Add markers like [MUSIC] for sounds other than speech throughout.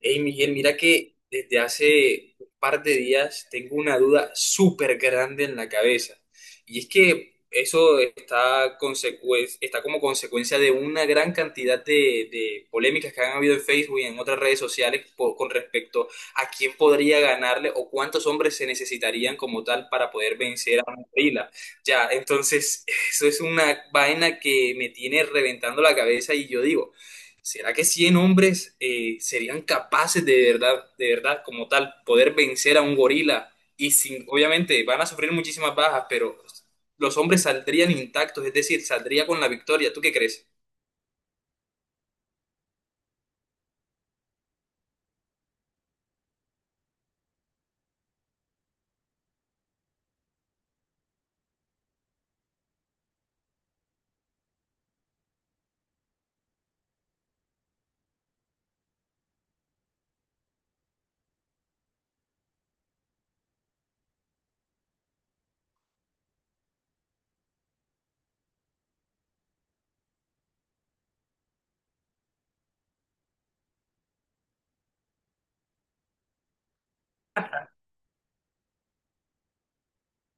Hey Miguel, mira que desde hace un par de días tengo una duda súper grande en la cabeza. Y es que eso está, está como consecuencia de una gran cantidad de polémicas que han habido en Facebook y en otras redes sociales con respecto a quién podría ganarle o cuántos hombres se necesitarían como tal para poder vencer a un gorila. Ya, entonces [LAUGHS] eso es una vaina que me tiene reventando la cabeza y yo digo. ¿Será que 100 hombres serían capaces de verdad, como tal, poder vencer a un gorila? Y sin, obviamente van a sufrir muchísimas bajas, pero los hombres saldrían intactos, es decir, saldría con la victoria. ¿Tú qué crees?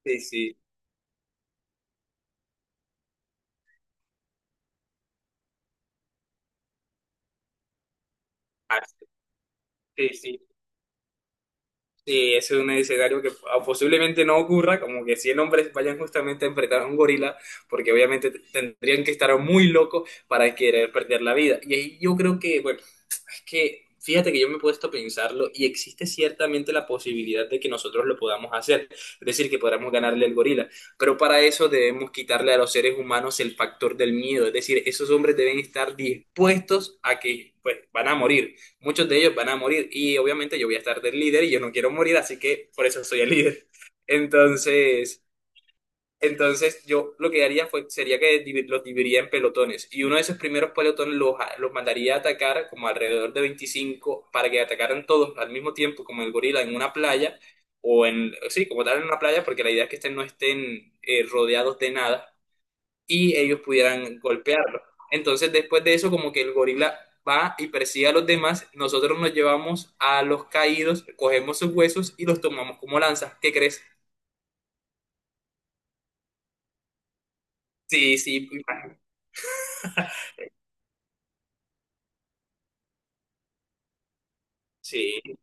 Sí, sí. Ah, sí, sí, sí, ese es un escenario que posiblemente no ocurra, como que 100 hombres vayan justamente a enfrentar a un gorila, porque obviamente tendrían que estar muy locos para querer perder la vida. Y ahí yo creo que, bueno, es que fíjate que yo me he puesto a pensarlo y existe ciertamente la posibilidad de que nosotros lo podamos hacer, es decir, que podamos ganarle al gorila, pero para eso debemos quitarle a los seres humanos el factor del miedo, es decir, esos hombres deben estar dispuestos a que pues van a morir, muchos de ellos van a morir y obviamente yo voy a estar del líder y yo no quiero morir, así que por eso soy el líder. [LAUGHS] Entonces… entonces, yo lo que haría fue, sería que los dividiría en pelotones y uno de esos primeros pelotones los mandaría a atacar como alrededor de 25 para que atacaran todos al mismo tiempo, como el gorila, en una playa o en, sí, como tal en una playa, porque la idea es que estén, no estén rodeados de nada y ellos pudieran golpearlo. Entonces, después de eso, como que el gorila va y persigue a los demás, nosotros nos llevamos a los caídos, cogemos sus huesos y los tomamos como lanzas. ¿Qué crees? Sí, sí, sí.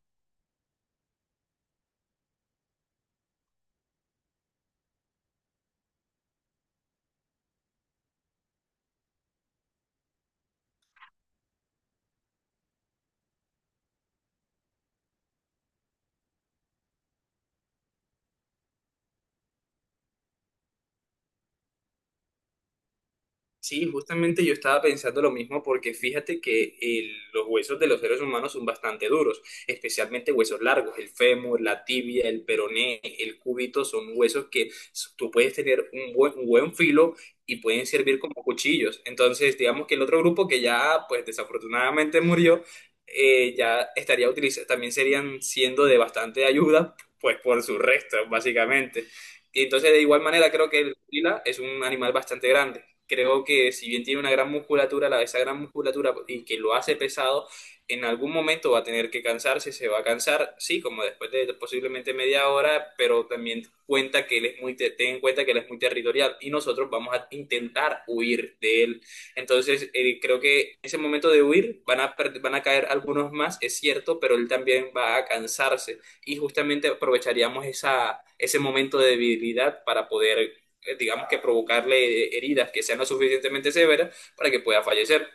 Sí, justamente yo estaba pensando lo mismo porque fíjate que los huesos de los seres humanos son bastante duros, especialmente huesos largos, el fémur, la tibia, el peroné, el cúbito, son huesos que tú puedes tener un buen filo y pueden servir como cuchillos. Entonces, digamos que el otro grupo que ya, pues desafortunadamente murió, ya estaría utilizando, también serían siendo de bastante ayuda, pues por sus restos, básicamente. Y entonces, de igual manera, creo que el gorila es un animal bastante grande, creo que si bien tiene una gran musculatura, la, esa gran musculatura y que lo hace pesado, en algún momento va a tener que cansarse, se va a cansar, sí, como después de posiblemente 1/2 hora, pero también cuenta que él es muy, ten en cuenta que él es muy territorial y nosotros vamos a intentar huir de él. Entonces, creo que en ese momento de huir van a, van a caer algunos más, es cierto, pero él también va a cansarse y justamente aprovecharíamos esa, ese momento de debilidad para poder digamos que provocarle heridas que sean lo suficientemente severas para que pueda fallecer.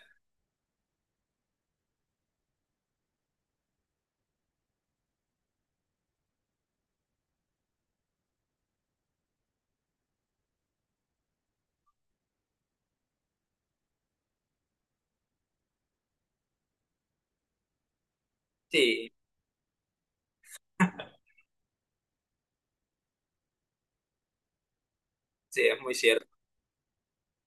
Sí, sí, es muy cierto.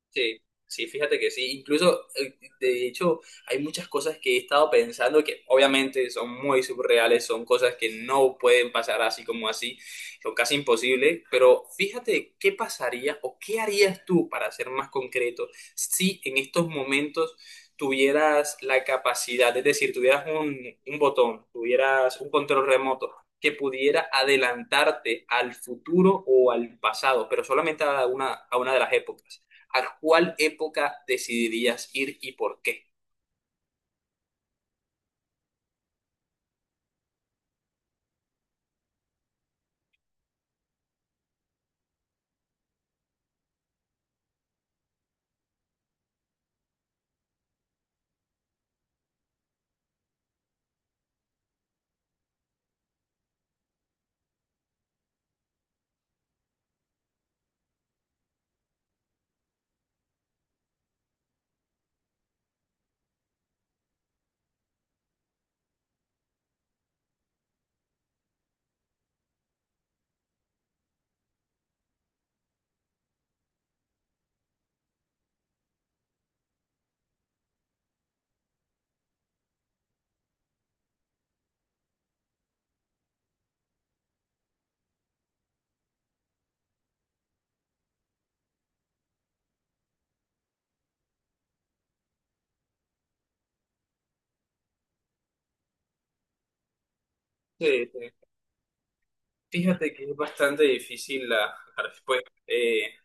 Sí, sí, fíjate que sí. Incluso, de hecho, hay muchas cosas que he estado pensando que obviamente son muy surreales, son cosas que no pueden pasar así como así, son casi imposibles, pero fíjate qué pasaría o qué harías tú, para ser más concreto, si en estos momentos tuvieras la capacidad, es decir, tuvieras un botón, tuvieras un control remoto que pudiera adelantarte al futuro o al pasado, pero solamente a una de las épocas. ¿A cuál época decidirías ir y por qué? Sí, sí. Fíjate que es bastante difícil la, la respuesta.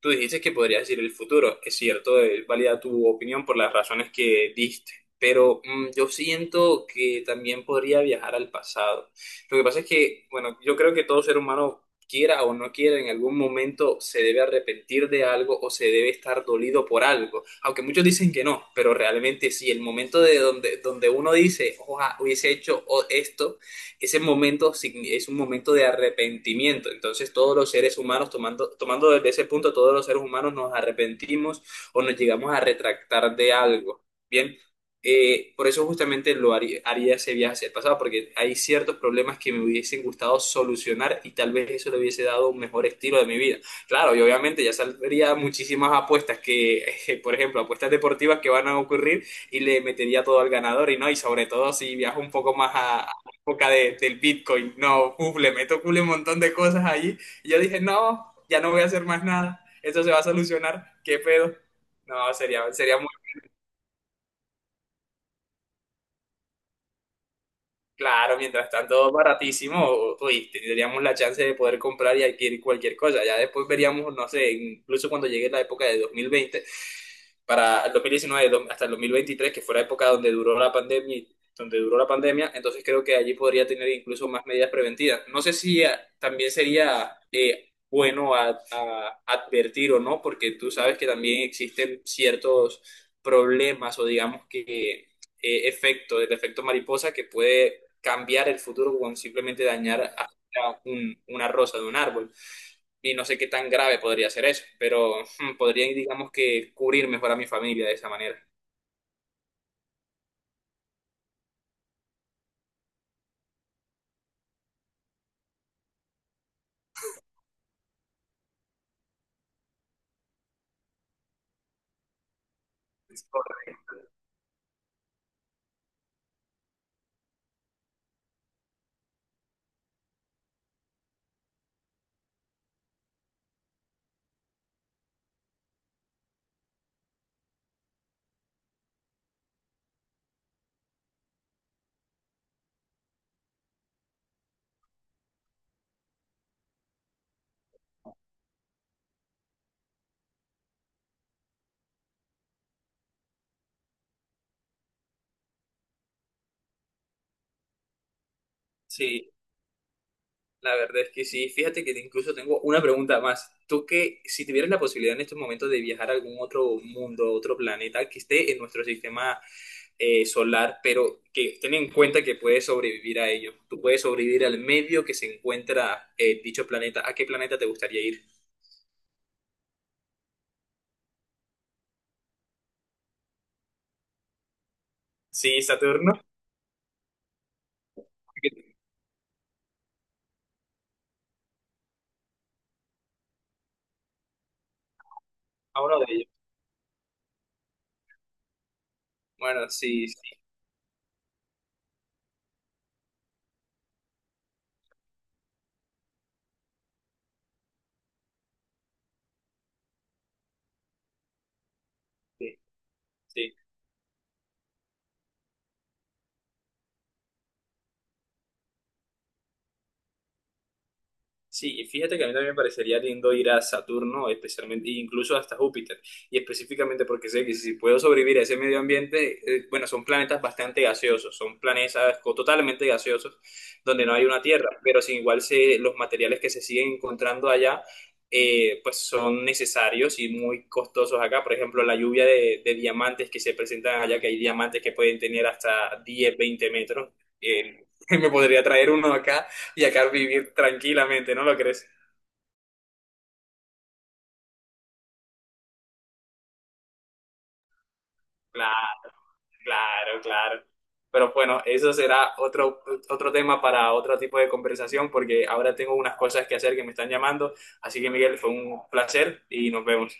Tú dijiste que podrías decir el futuro. Es cierto, es válida tu opinión por las razones que diste, pero yo siento que también podría viajar al pasado. Lo que pasa es que, bueno, yo creo que todo ser humano, quiera o no quiera, en algún momento se debe arrepentir de algo o se debe estar dolido por algo. Aunque muchos dicen que no, pero realmente sí, el momento de donde, donde uno dice, ojalá hubiese hecho esto, ese momento es un momento de arrepentimiento. Entonces todos los seres humanos, tomando, tomando desde ese punto, todos los seres humanos nos arrepentimos o nos llegamos a retractar de algo. Bien, por eso justamente lo haría, haría ese viaje hacia el pasado, porque hay ciertos problemas que me hubiesen gustado solucionar y tal vez eso le hubiese dado un mejor estilo de mi vida. Claro, y obviamente ya saldría muchísimas apuestas que, [LAUGHS] por ejemplo, apuestas deportivas que van a ocurrir y le metería todo al ganador y no, y sobre todo si viajo un poco más época del Bitcoin. No, uf, le meto culo un montón de cosas allí. Y yo dije, no, ya no voy a hacer más nada. Esto se va a solucionar. ¿Qué pedo? No, sería, sería muy claro. Mientras tanto, baratísimo. Uy, tendríamos la chance de poder comprar y adquirir cualquier cosa. Ya después veríamos, no sé, incluso cuando llegue la época de 2020 para el 2019 hasta el 2023, que fue la época donde duró la pandemia, donde duró la pandemia, entonces creo que allí podría tener incluso más medidas preventivas. No sé si también sería bueno advertir o no, porque tú sabes que también existen ciertos problemas o digamos que efecto, el efecto mariposa que puede cambiar el futuro con simplemente dañar a una rosa de un árbol y no sé qué tan grave podría ser eso, pero podría, digamos que, cubrir mejor a mi familia de esa manera. Sí, la verdad es que sí. Fíjate que incluso tengo una pregunta más. Tú que si tuvieras la posibilidad en estos momentos de viajar a algún otro mundo, otro planeta que esté en nuestro sistema solar, pero que ten en cuenta que puedes sobrevivir a ello. Tú puedes sobrevivir al medio que se encuentra dicho planeta. ¿A qué planeta te gustaría ir? Sí, Saturno, a uno de ellos. Bueno, sí, sí, sí, sí. Sí, y fíjate que a mí también me parecería lindo ir a Saturno, especialmente, e incluso hasta Júpiter, y específicamente porque sé que si puedo sobrevivir a ese medio ambiente, bueno, son planetas bastante gaseosos, son planetas totalmente gaseosos, donde no hay una Tierra, pero sin igual se, los materiales que se siguen encontrando allá, pues son necesarios y muy costosos acá. Por ejemplo, la lluvia de diamantes que se presentan allá, que hay diamantes que pueden tener hasta 10 20 metros. eh, [LAUGHS] me podría traer uno acá [LAUGHS] y acá vivir tranquilamente, ¿no lo crees? Claro, claro, claro. Pero bueno, eso será otro, otro tema para otro tipo de conversación porque ahora tengo unas cosas que hacer que me están llamando. Así que Miguel, fue un placer y nos vemos.